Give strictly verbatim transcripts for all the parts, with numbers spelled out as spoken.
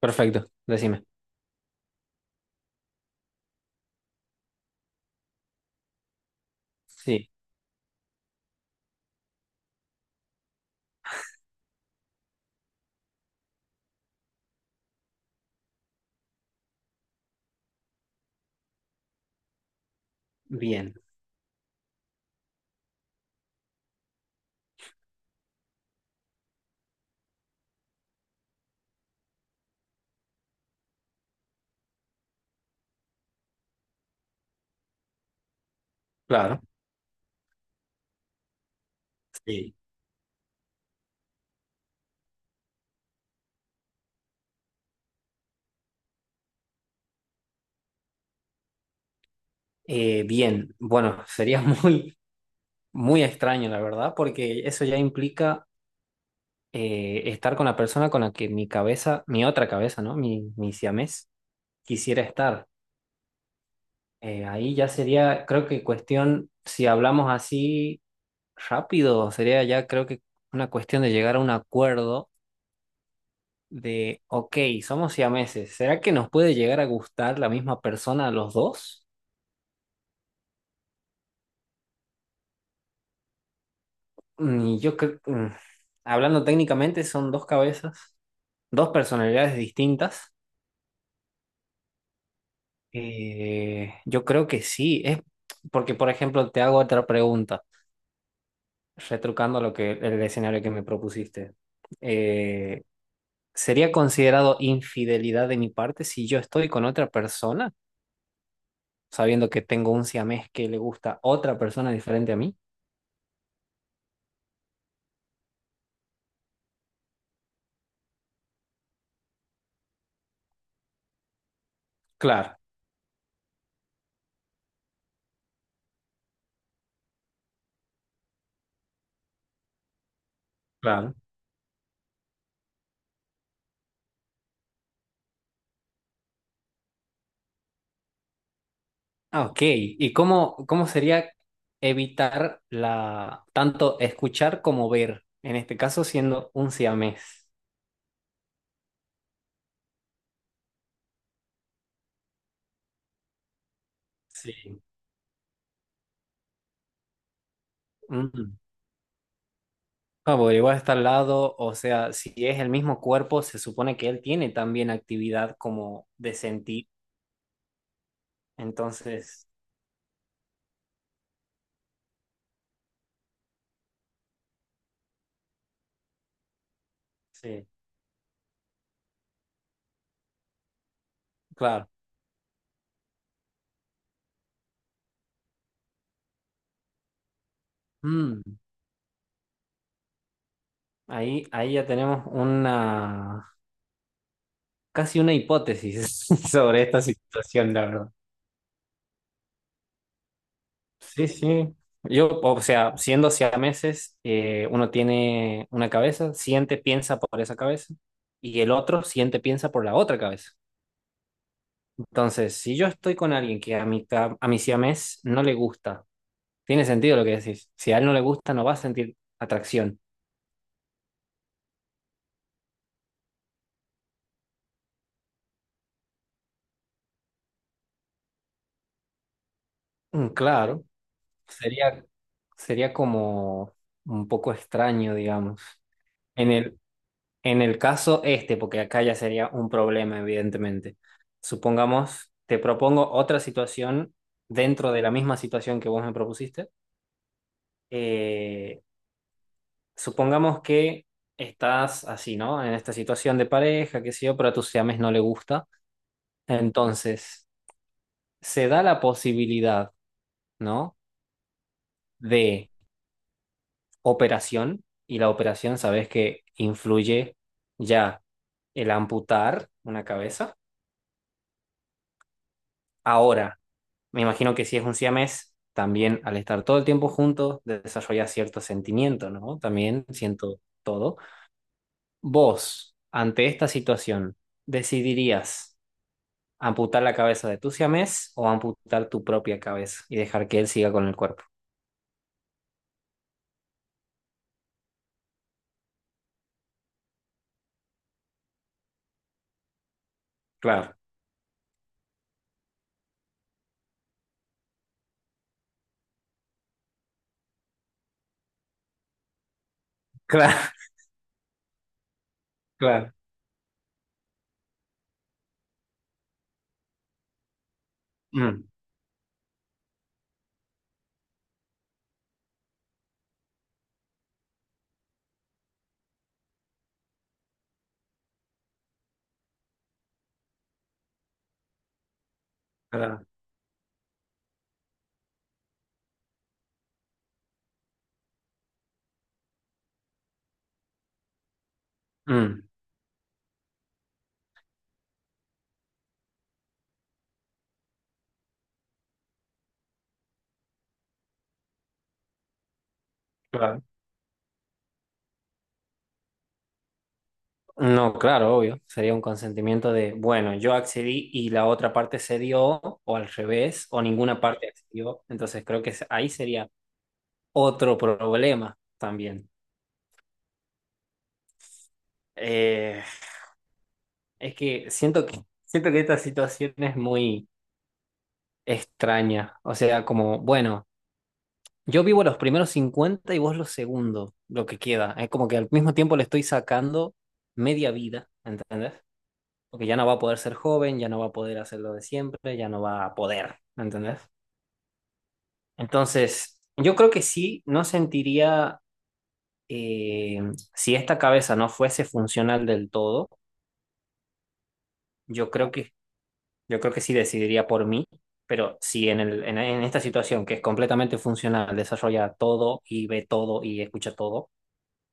Perfecto, decime. Sí, bien, claro. Sí. Eh, bien, bueno, sería muy, muy extraño, la verdad, porque eso ya implica eh, estar con la persona con la que mi cabeza, mi otra cabeza, ¿no? Mi, mi siamés quisiera estar. Eh, ahí ya sería, creo que cuestión, si hablamos así rápido, sería ya creo que una cuestión de llegar a un acuerdo de, ok, somos siameses, ¿será que nos puede llegar a gustar la misma persona a los dos? Y yo creo, mm, hablando técnicamente, son dos cabezas, dos personalidades distintas. Eh, yo creo que sí, es porque, por ejemplo, te hago otra pregunta, retrucando lo que el escenario que me propusiste. Eh, ¿Sería considerado infidelidad de mi parte si yo estoy con otra persona, sabiendo que tengo un siamés que le gusta otra persona diferente a mí? Claro, claro. Ah, ok, ¿y cómo, cómo sería evitar la tanto escuchar como ver? En este caso siendo un siamés. Sí. Mm. Ah, porque igual está al lado, o sea, si es el mismo cuerpo, se supone que él tiene también actividad como de sentir. Entonces, sí, claro. Mm. Ahí, ahí ya tenemos una casi una hipótesis sobre esta situación, la verdad. Sí, sí. Yo, o sea, siendo siameses, eh, uno tiene una cabeza, siente, piensa por esa cabeza, y el otro siente, piensa por la otra cabeza. Entonces, si yo estoy con alguien que a mi, ca- a mi siamés no le gusta, tiene sentido lo que decís. Si a él no le gusta, no va a sentir atracción. Mm, claro, sería, sería como un poco extraño, digamos. En el, En el caso este, porque acá ya sería un problema, evidentemente. Supongamos, te propongo otra situación dentro de la misma situación que vos me propusiste. Eh, Supongamos que estás así, ¿no? En esta situación de pareja, qué sé yo, pero a tus siames no le gusta. Entonces, se da la posibilidad, ¿no? De operación, y la operación sabes que influye ya el amputar una cabeza. Ahora, me imagino que si es un siamés, también al estar todo el tiempo juntos, desarrolla cierto sentimiento, ¿no? También siento todo. Vos, ante esta situación, ¿decidirías amputar la cabeza de tu siamés o amputar tu propia cabeza y dejar que él siga con el cuerpo? Claro, claro, claro. Mm, claro, mm, claro. No, claro, obvio. Sería un consentimiento de, bueno, yo accedí y la otra parte cedió, o al revés, o ninguna parte accedió. Entonces creo que ahí sería otro problema también. Eh, es que siento que siento que esta situación es muy extraña. O sea, como, bueno, yo vivo los primeros cincuenta y vos los segundos, lo que queda. Es como que al mismo tiempo le estoy sacando media vida, ¿entendés? Porque ya no va a poder ser joven, ya no va a poder hacer lo de siempre, ya no va a poder, ¿entendés? Entonces, yo creo que sí, no sentiría, eh, si esta cabeza no fuese funcional del todo, yo creo que yo creo que sí decidiría por mí, pero si en el, en, en esta situación que es completamente funcional, desarrolla todo y ve todo y escucha todo,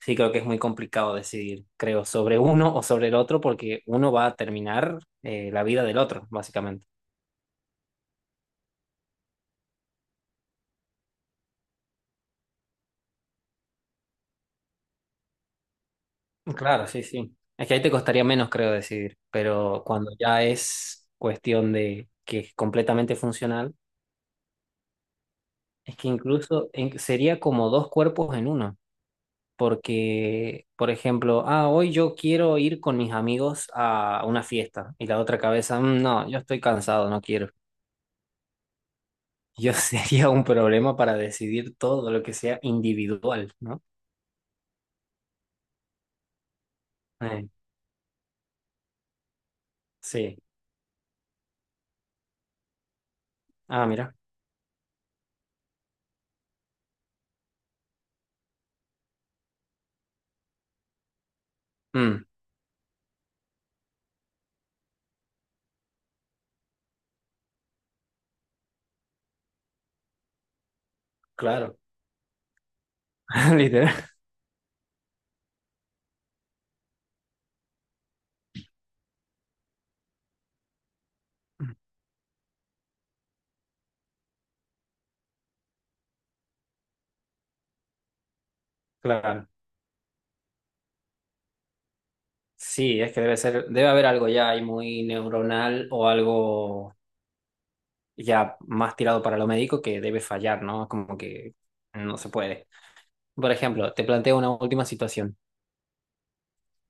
sí creo que es muy complicado decidir, creo, sobre uno o sobre el otro, porque uno va a terminar eh, la vida del otro, básicamente. Claro, sí, sí. Es que ahí te costaría menos, creo, decidir, pero cuando ya es cuestión de que es completamente funcional, es que incluso en- sería como dos cuerpos en uno. Porque, por ejemplo, ah, hoy yo quiero ir con mis amigos a una fiesta y la otra cabeza, "Mm, no, yo estoy cansado, no quiero." Yo sería un problema para decidir todo lo que sea individual, ¿no? Eh, sí. Ah, mira. Mm, claro. Literal. Claro. Sí, es que debe ser, debe haber algo ya ahí muy neuronal o algo ya más tirado para lo médico que debe fallar, ¿no? Como que no se puede. Por ejemplo, te planteo una última situación.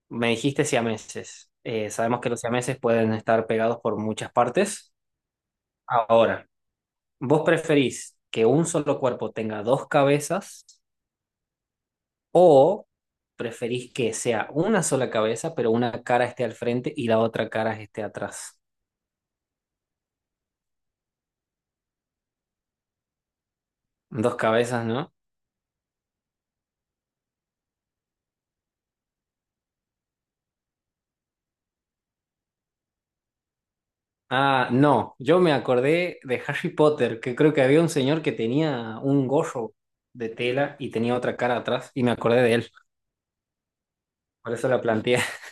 Me dijiste siameses. Eh, sabemos que los siameses pueden estar pegados por muchas partes. Ahora, ¿vos preferís que un solo cuerpo tenga dos cabezas o preferís que sea una sola cabeza, pero una cara esté al frente y la otra cara esté atrás? Dos cabezas, ¿no? Ah, no, yo me acordé de Harry Potter, que creo que había un señor que tenía un gorro de tela y tenía otra cara atrás y me acordé de él. Por eso la planteé.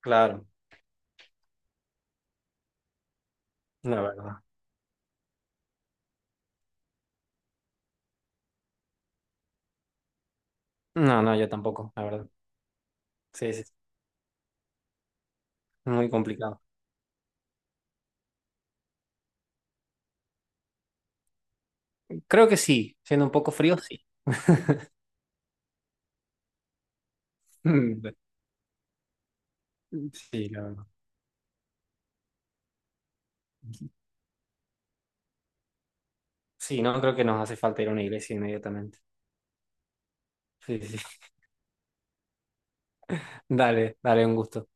Claro, la verdad. No, no, yo tampoco, la verdad. Sí, sí, muy complicado. Creo que sí, siendo un poco frío, sí. Mm, sí, la verdad. Sí, no, creo que nos hace falta ir a una iglesia inmediatamente. Sí, sí. Dale, dale, un gusto.